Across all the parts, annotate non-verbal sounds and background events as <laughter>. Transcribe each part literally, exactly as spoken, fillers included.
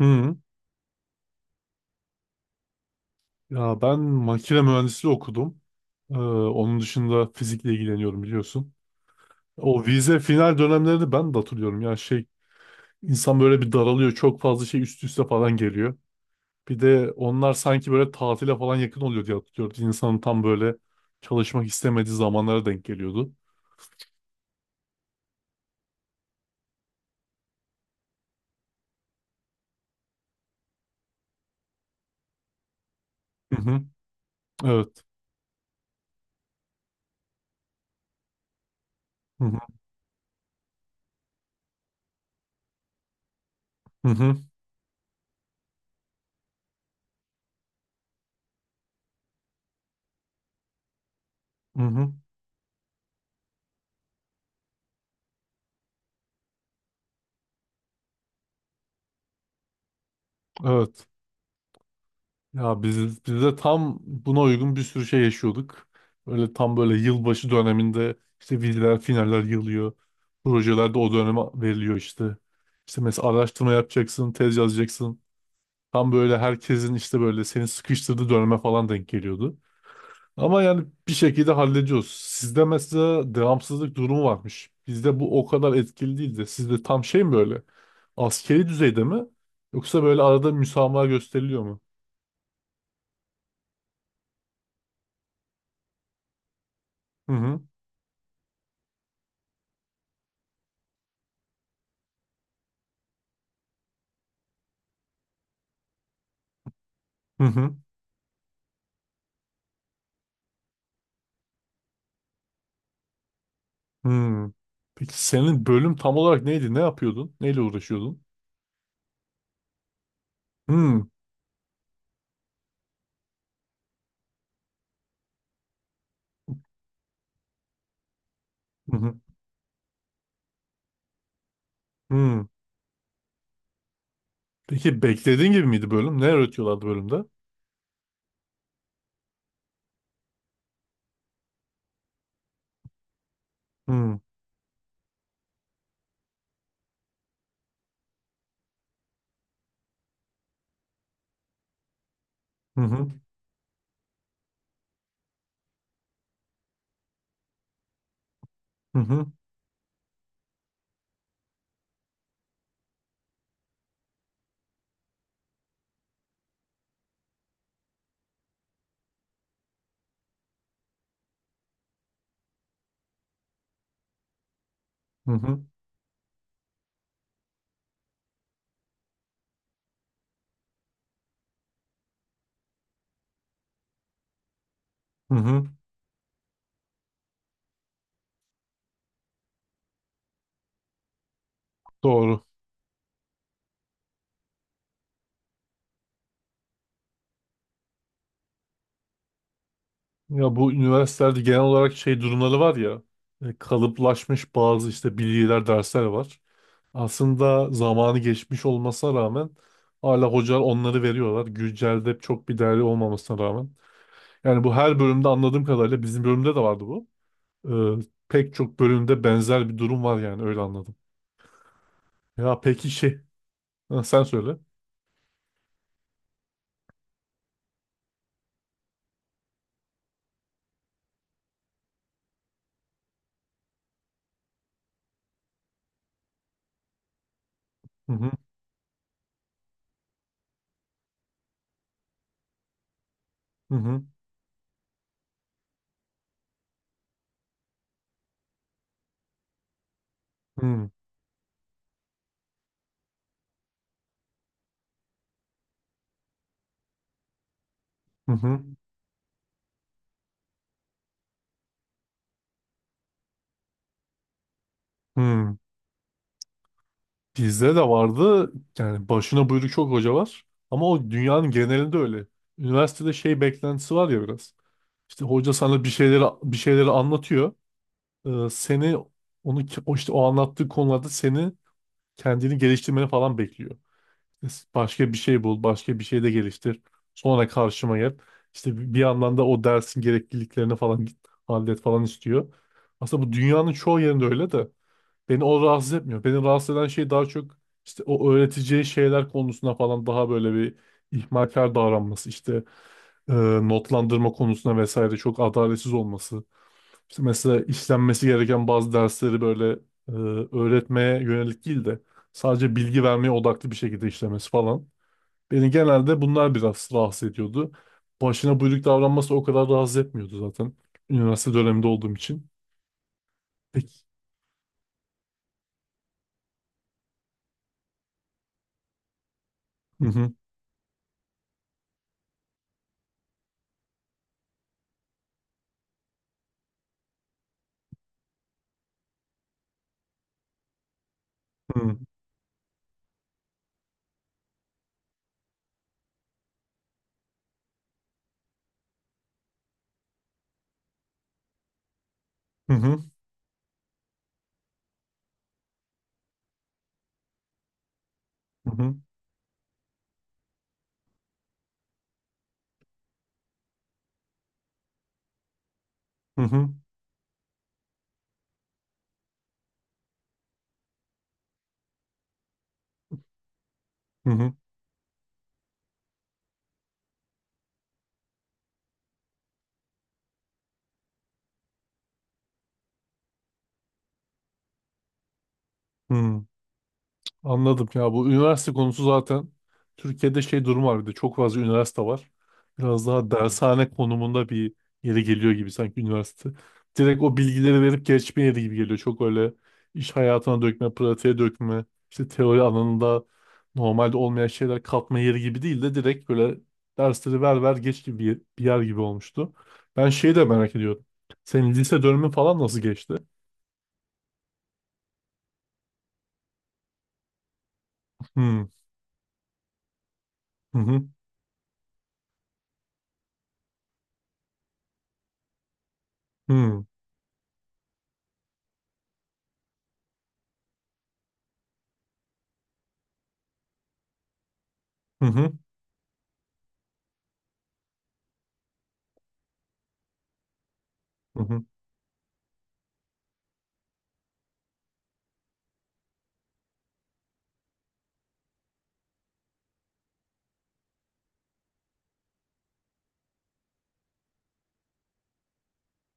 Hı. Ya ben makine mühendisliği okudum. Ee, onun dışında fizikle ilgileniyorum biliyorsun. O vize final dönemlerini ben de hatırlıyorum. Yani şey, insan böyle bir daralıyor. Çok fazla şey üst üste falan geliyor. Bir de onlar sanki böyle tatile falan yakın oluyor diye hatırlıyorum. İnsanın tam böyle çalışmak istemediği zamanlara denk geliyordu. Hı hı. Evet. Hı hı. Hı hı. Hı hı. Evet. Ya biz, biz de tam buna uygun bir sürü şey yaşıyorduk. Böyle tam böyle yılbaşı döneminde işte vizeler, finaller yığılıyor. Projeler de o döneme veriliyor işte. İşte mesela araştırma yapacaksın, tez yazacaksın. Tam böyle herkesin işte böyle seni sıkıştırdığı döneme falan denk geliyordu. Ama yani bir şekilde hallediyoruz. Sizde mesela devamsızlık durumu varmış. Bizde bu o kadar etkili değil de sizde tam şey mi böyle? Askeri düzeyde mi? Yoksa böyle arada müsamaha gösteriliyor mu? Hı hı. Hı hı. Hmm. Peki senin bölüm tam olarak neydi? Ne yapıyordun? Neyle uğraşıyordun? Hmm. Hı hı. Hmm. Peki beklediğin gibi miydi bölüm? Ne öğretiyorlardı bölümde? Hmm. Hı hı. Hı hı. Hı hı. Hı hı. Doğru. Ya bu üniversitelerde genel olarak şey durumları var ya, e, kalıplaşmış bazı işte bilgiler, dersler var. Aslında zamanı geçmiş olmasına rağmen hala hocalar onları veriyorlar. Güncelde çok bir değerli olmamasına rağmen. Yani bu her bölümde anladığım kadarıyla bizim bölümde de vardı bu. Ee, Pek çok bölümde benzer bir durum var yani öyle anladım. Ya peki şey, ha, sen söyle. Hı hı hı hı hı hı hı. Hı. Bizde de vardı, yani başına buyruk çok hoca var, ama o dünyanın genelinde öyle. Üniversitede şey beklentisi var ya biraz. İşte hoca sana bir şeyleri bir şeyleri anlatıyor. E, seni onu ki- o işte o anlattığı konularda seni kendini geliştirmeni falan bekliyor. Başka bir şey bul, başka bir şey de geliştir. Sonra karşıma gel. İşte bi- bir yandan da o dersin gerekliliklerini falan git- hallet falan istiyor. Aslında bu dünyanın çoğu yerinde öyle de beni o rahatsız etmiyor. Beni rahatsız eden şey daha çok işte o öğreteceği şeyler konusunda falan daha böyle bir ihmalkar davranması işte, e, notlandırma konusunda vesaire çok adaletsiz olması. İşte mesela işlenmesi gereken bazı dersleri böyle, e, öğretmeye yönelik değil de sadece bilgi vermeye odaklı bir şekilde işlemesi falan. Beni genelde bunlar biraz rahatsız ediyordu. Başına buyruk davranması o kadar rahatsız etmiyordu zaten. Üniversite döneminde olduğum için. Peki. Hı hı. Hı hı. Hı hı. Hı hı. Hı hı. Hı hı. Anladım ya, bu üniversite konusu zaten Türkiye'de şey durum var, bir de çok fazla üniversite var. Biraz daha dershane konumunda bir yere geliyor gibi sanki üniversite. Direkt o bilgileri verip geçme yeri gibi geliyor. Çok öyle iş hayatına dökme, pratiğe dökme, işte teori alanında normalde olmayan şeyler katma yeri gibi değil de direkt böyle dersleri ver ver geç gibi bir bir yer gibi olmuştu. Ben şeyi de merak ediyorum. Senin lise dönemi falan nasıl geçti? Hmm. Hı hı. Hı hı. Hı hı. Hı hı.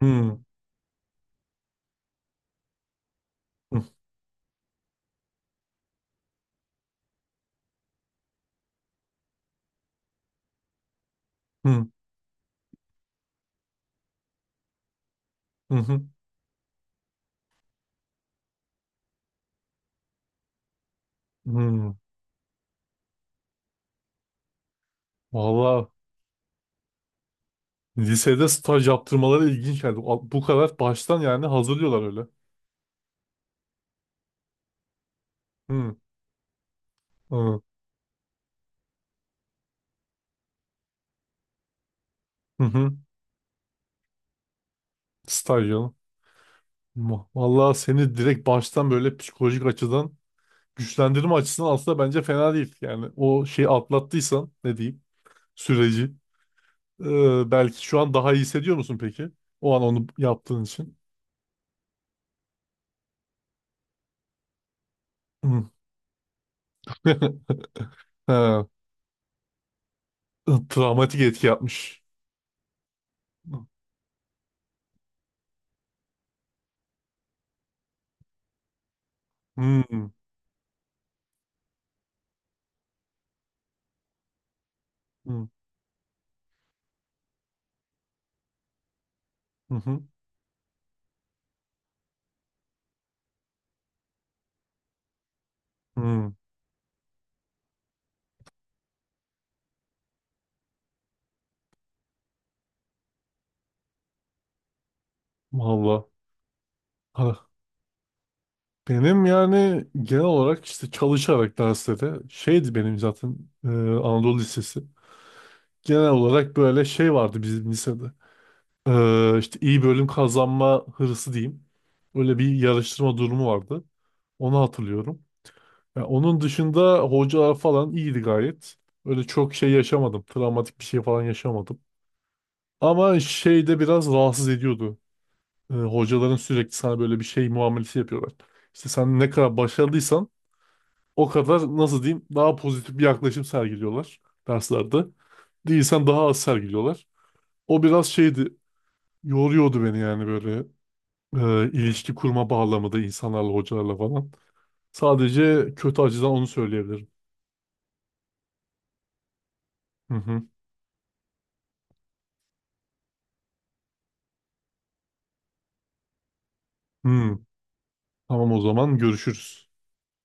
Hı hı. Hı hı hı. Hı. Valla lisede staj yaptırmaları ilginç geldi. A- Bu kadar baştan yani hazırlıyorlar öyle. Hı hı hı. Hı. Staj canım. Ma- Valla seni direkt baştan böyle psikolojik açıdan güçlendirme açısından aslında bence fena değil. Yani o şeyi atlattıysan ne diyeyim, süreci. Ee, belki şu an daha iyi hissediyor musun peki? O an onu yaptığın için. Hı. <laughs> Ha, travmatik etki yapmış. Hı hı hı hı. Hı. Valla. Ha, benim yani genel olarak işte çalışarak derslere şeydi, benim zaten e, Anadolu Lisesi. Genel olarak böyle şey vardı bizim lisede. E, işte iyi bölüm kazanma hırsı diyeyim. Öyle bir yarıştırma durumu vardı. Onu hatırlıyorum. Ya onun dışında hocalar falan iyiydi gayet. Öyle çok şey yaşamadım. Travmatik bir şey falan yaşamadım. Ama şey de biraz rahatsız ediyordu. E, hocaların sürekli sana böyle bir şey muamelesi yapıyorlar. İşte sen ne kadar başarılıysan o kadar nasıl diyeyim daha pozitif bir yaklaşım sergiliyorlar derslerde. Değilsen daha az sergiliyorlar. O biraz şeydi, yoruyordu beni yani böyle, e, ilişki kurma bağlamında insanlarla hocalarla falan. Sadece kötü acıdan onu söyleyebilirim. Hı hı. Hmm, tamam o zaman görüşürüz.